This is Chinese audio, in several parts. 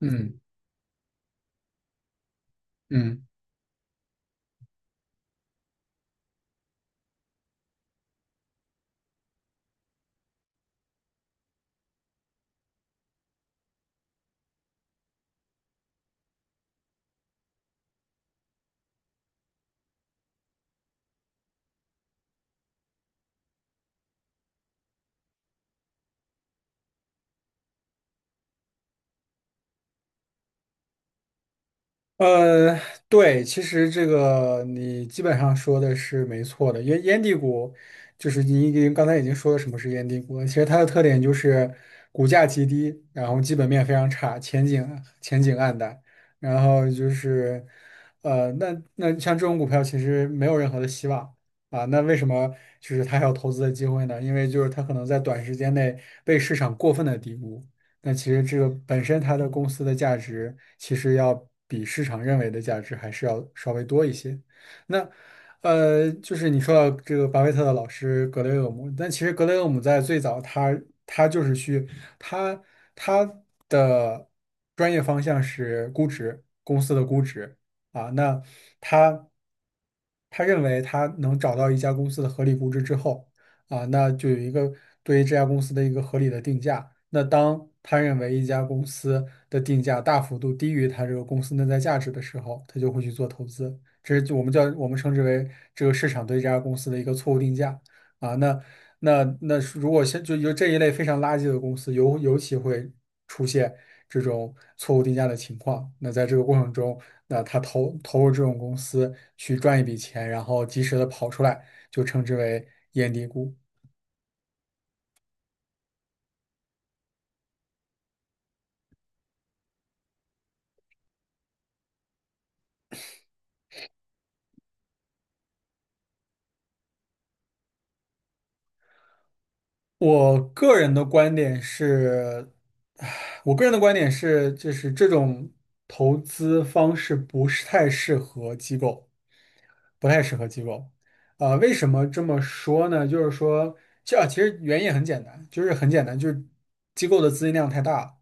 嗯嗯，呃，对，其实这个你基本上说的是没错的，因为烟蒂股就是你已经刚才已经说了什么是烟蒂股了，其实它的特点就是股价极低，然后基本面非常差，前景暗淡，然后就是那像这种股票其实没有任何的希望啊，那为什么就是它还有投资的机会呢？因为就是它可能在短时间内被市场过分的低估。那其实这个本身它的公司的价值，其实要比市场认为的价值还是要稍微多一些。那就是你说到这个巴菲特的老师格雷厄姆，但其实格雷厄姆在最早他他就是去他他的专业方向是估值，公司的估值啊，那他。他认为他能找到一家公司的合理估值之后，啊，那就有一个对于这家公司的一个合理的定价。那当他认为一家公司的定价大幅度低于他这个公司内在价值的时候，他就会去做投资。这是我们称之为这个市场对这家公司的一个错误定价啊。那如果现就有这一类非常垃圾的公司，尤其会出现。这种错误定价的情况。那在这个过程中，那他投入这种公司去赚一笔钱，然后及时的跑出来，就称之为验低估。我个人的观点是，就是这种投资方式不是太适合机构，不太适合机构。为什么这么说呢？就是说，这其实原因也很简单，就是很简单，就是机构的资金量太大了。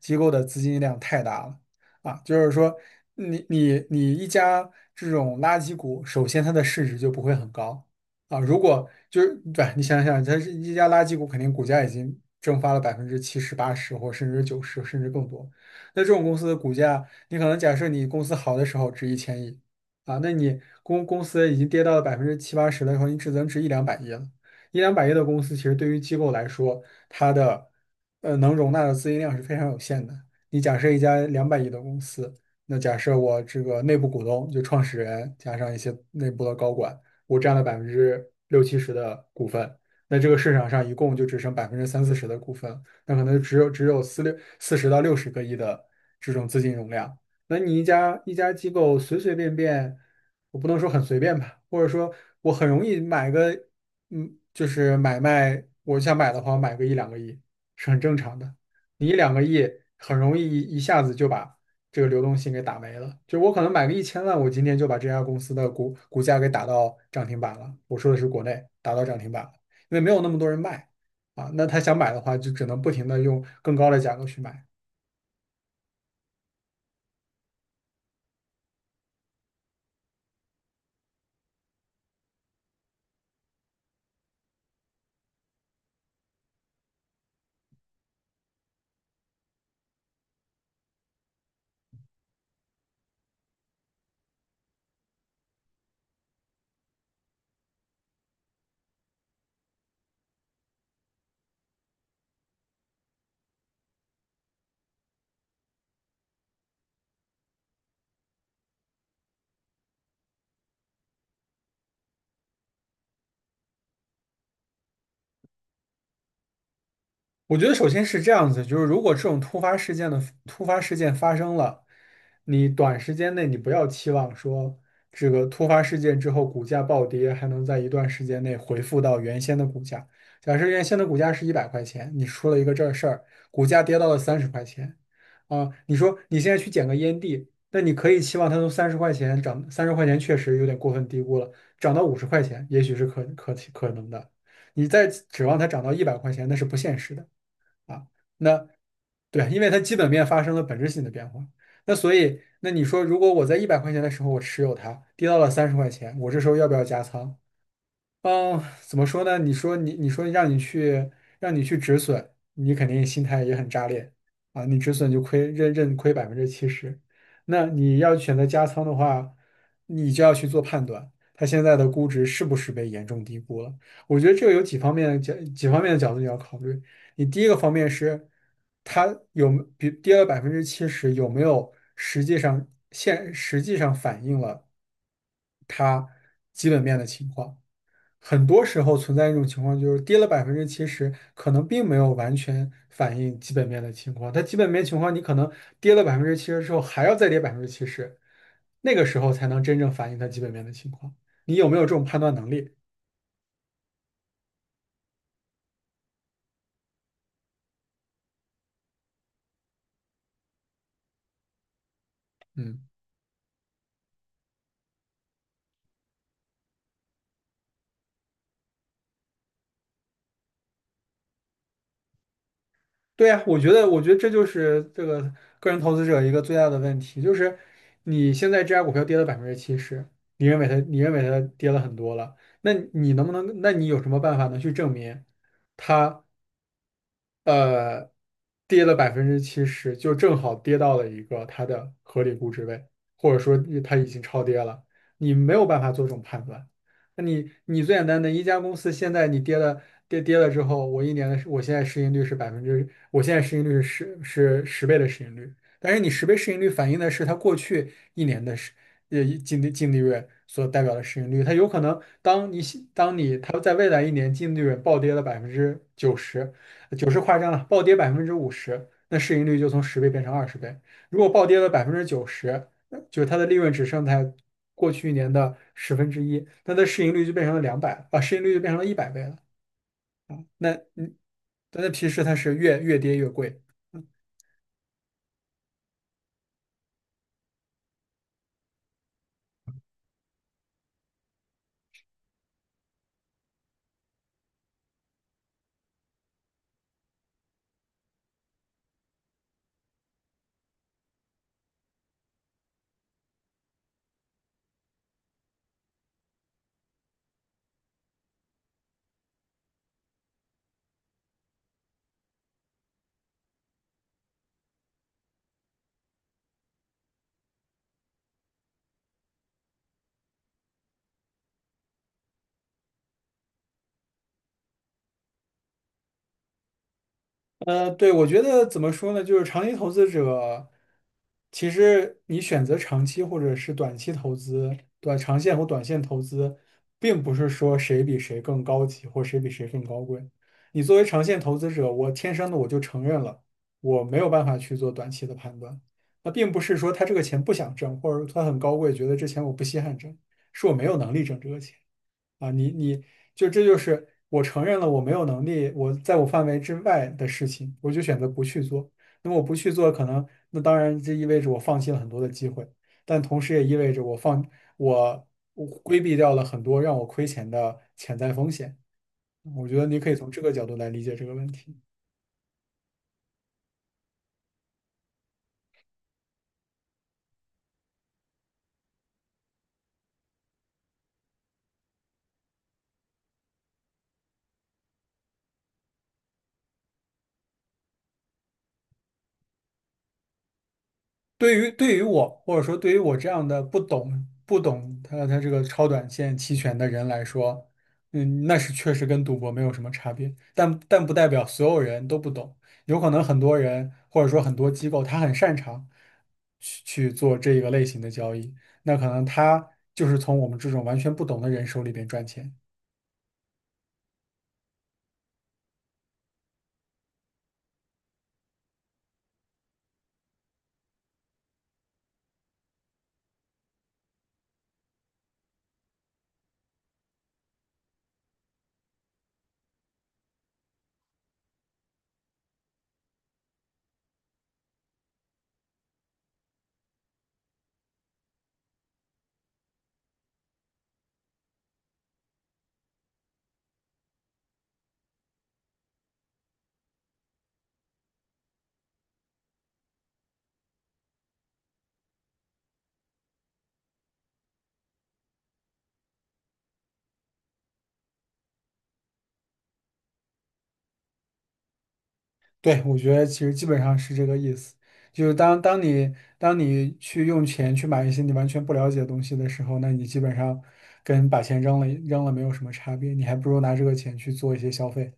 机构的资金量太大了啊，就是说你一家这种垃圾股，首先它的市值就不会很高啊，如果就是对，你想想，它是一家垃圾股，肯定股价已经蒸发了百分之七十、八十，或甚至九十，甚至更多。那这种公司的股价，你可能假设你公司好的时候值1000亿啊，那你公司已经跌到了百分之七八十的时候，你只能值一两百亿了。一两百亿的公司，其实对于机构来说，它的能容纳的资金量是非常有限的。你假设一家两百亿的公司，那假设我这个内部股东就创始人加上一些内部的高管，我占了百分之六七十的股份，那这个市场上一共就只剩百分之三四十的股份，那可能只有四十到六十个亿的这种资金容量。那你一家一家机构随随便便，我不能说很随便吧，或者说我很容易买个就是买卖，我想买的话，我买个一两个亿是很正常的。你一两个亿很容易一下子就把这个流动性给打没了。就我可能买个1000万，我今天就把这家公司的股价给打到涨停板了。我说的是国内打到涨停板了，因为没有那么多人卖啊。那他想买的话，就只能不停的用更高的价格去买。我觉得首先是这样子，就是如果这种突发事件发生了，你短时间内你不要期望说这个突发事件之后股价暴跌还能在一段时间内回复到原先的股价。假设原先的股价是一百块钱，你出了一个这事儿，股价跌到了三十块钱，啊，你说你现在去捡个烟蒂，那你可以期望它从三十块钱涨，三十块钱确实有点过分低估了，涨到50块钱也许是可能的，你再指望它涨到一百块钱那是不现实的。啊。那对，因为它基本面发生了本质性的变化。那所以，那你说，如果我在一百块钱的时候我持有它，跌到了三十块钱，我这时候要不要加仓？嗯，怎么说呢？你说让你去止损，你肯定心态也很炸裂啊！你止损就亏，认亏百分之七十。那你要选择加仓的话，你就要去做判断，它现在的估值是不是被严重低估了？我觉得这个有几方面的角度你要考虑。你第一个方面是，它有没比跌了百分之七十，有没有实际上反映了它基本面的情况？很多时候存在一种情况，就是跌了百分之七十，可能并没有完全反映基本面的情况。它基本面情况，你可能跌了百分之七十之后，还要再跌百分之七十，那个时候才能真正反映它基本面的情况。你有没有这种判断能力？嗯，对呀，我觉得，我觉得这就是这个个人投资者一个最大的问题，就是你现在这家股票跌了百分之七十，你认为它，你认为它跌了很多了，那你能不能，那你有什么办法能去证明？它？呃，跌了百分之七十，就正好跌到了一个它的合理估值位，或者说它已经超跌了，你没有办法做这种判断。那你最简单的一家公司，现在你跌了之后，我一年的我现在市盈率是百分之，我现在市盈率是十倍的市盈率，但是你十倍市盈率反映的是它过去一年的净利润所代表的市盈率，它有可能当你它在未来一年净利润暴跌了百分之九十。九十夸张了，暴跌50%，那市盈率就从十倍变成20倍。如果暴跌了百分之九十，那就是它的利润只剩在过去一年的十分之一，那它的市盈率就变成了100倍了啊。那但那其实它是越跌越贵，对，我觉得怎么说呢，就是长期投资者，其实你选择长期或者是短期投资，短长线或短线投资，并不是说谁比谁更高级或谁比谁更高贵。你作为长线投资者，我天生的我就承认了，我没有办法去做短期的判断。那并不是说他这个钱不想挣，或者他很高贵，觉得这钱我不稀罕挣，是我没有能力挣这个钱。啊，你你就这就是我承认了我没有能力，我在我范围之外的事情，我就选择不去做。那么我不去做，可能那当然这意味着我放弃了很多的机会，但同时也意味着我放我我规避掉了很多让我亏钱的潜在风险。我觉得你可以从这个角度来理解这个问题。对于我，或者说对于我这样的不懂他这个超短线期权的人来说，那是确实跟赌博没有什么差别，但不代表所有人都不懂，有可能很多人或者说很多机构他很擅长去做这一个类型的交易，那可能他就是从我们这种完全不懂的人手里边赚钱。对，我觉得其实基本上是这个意思。就是当你去用钱去买一些你完全不了解的东西的时候，那你基本上跟把钱扔了没有什么差别，你还不如拿这个钱去做一些消费。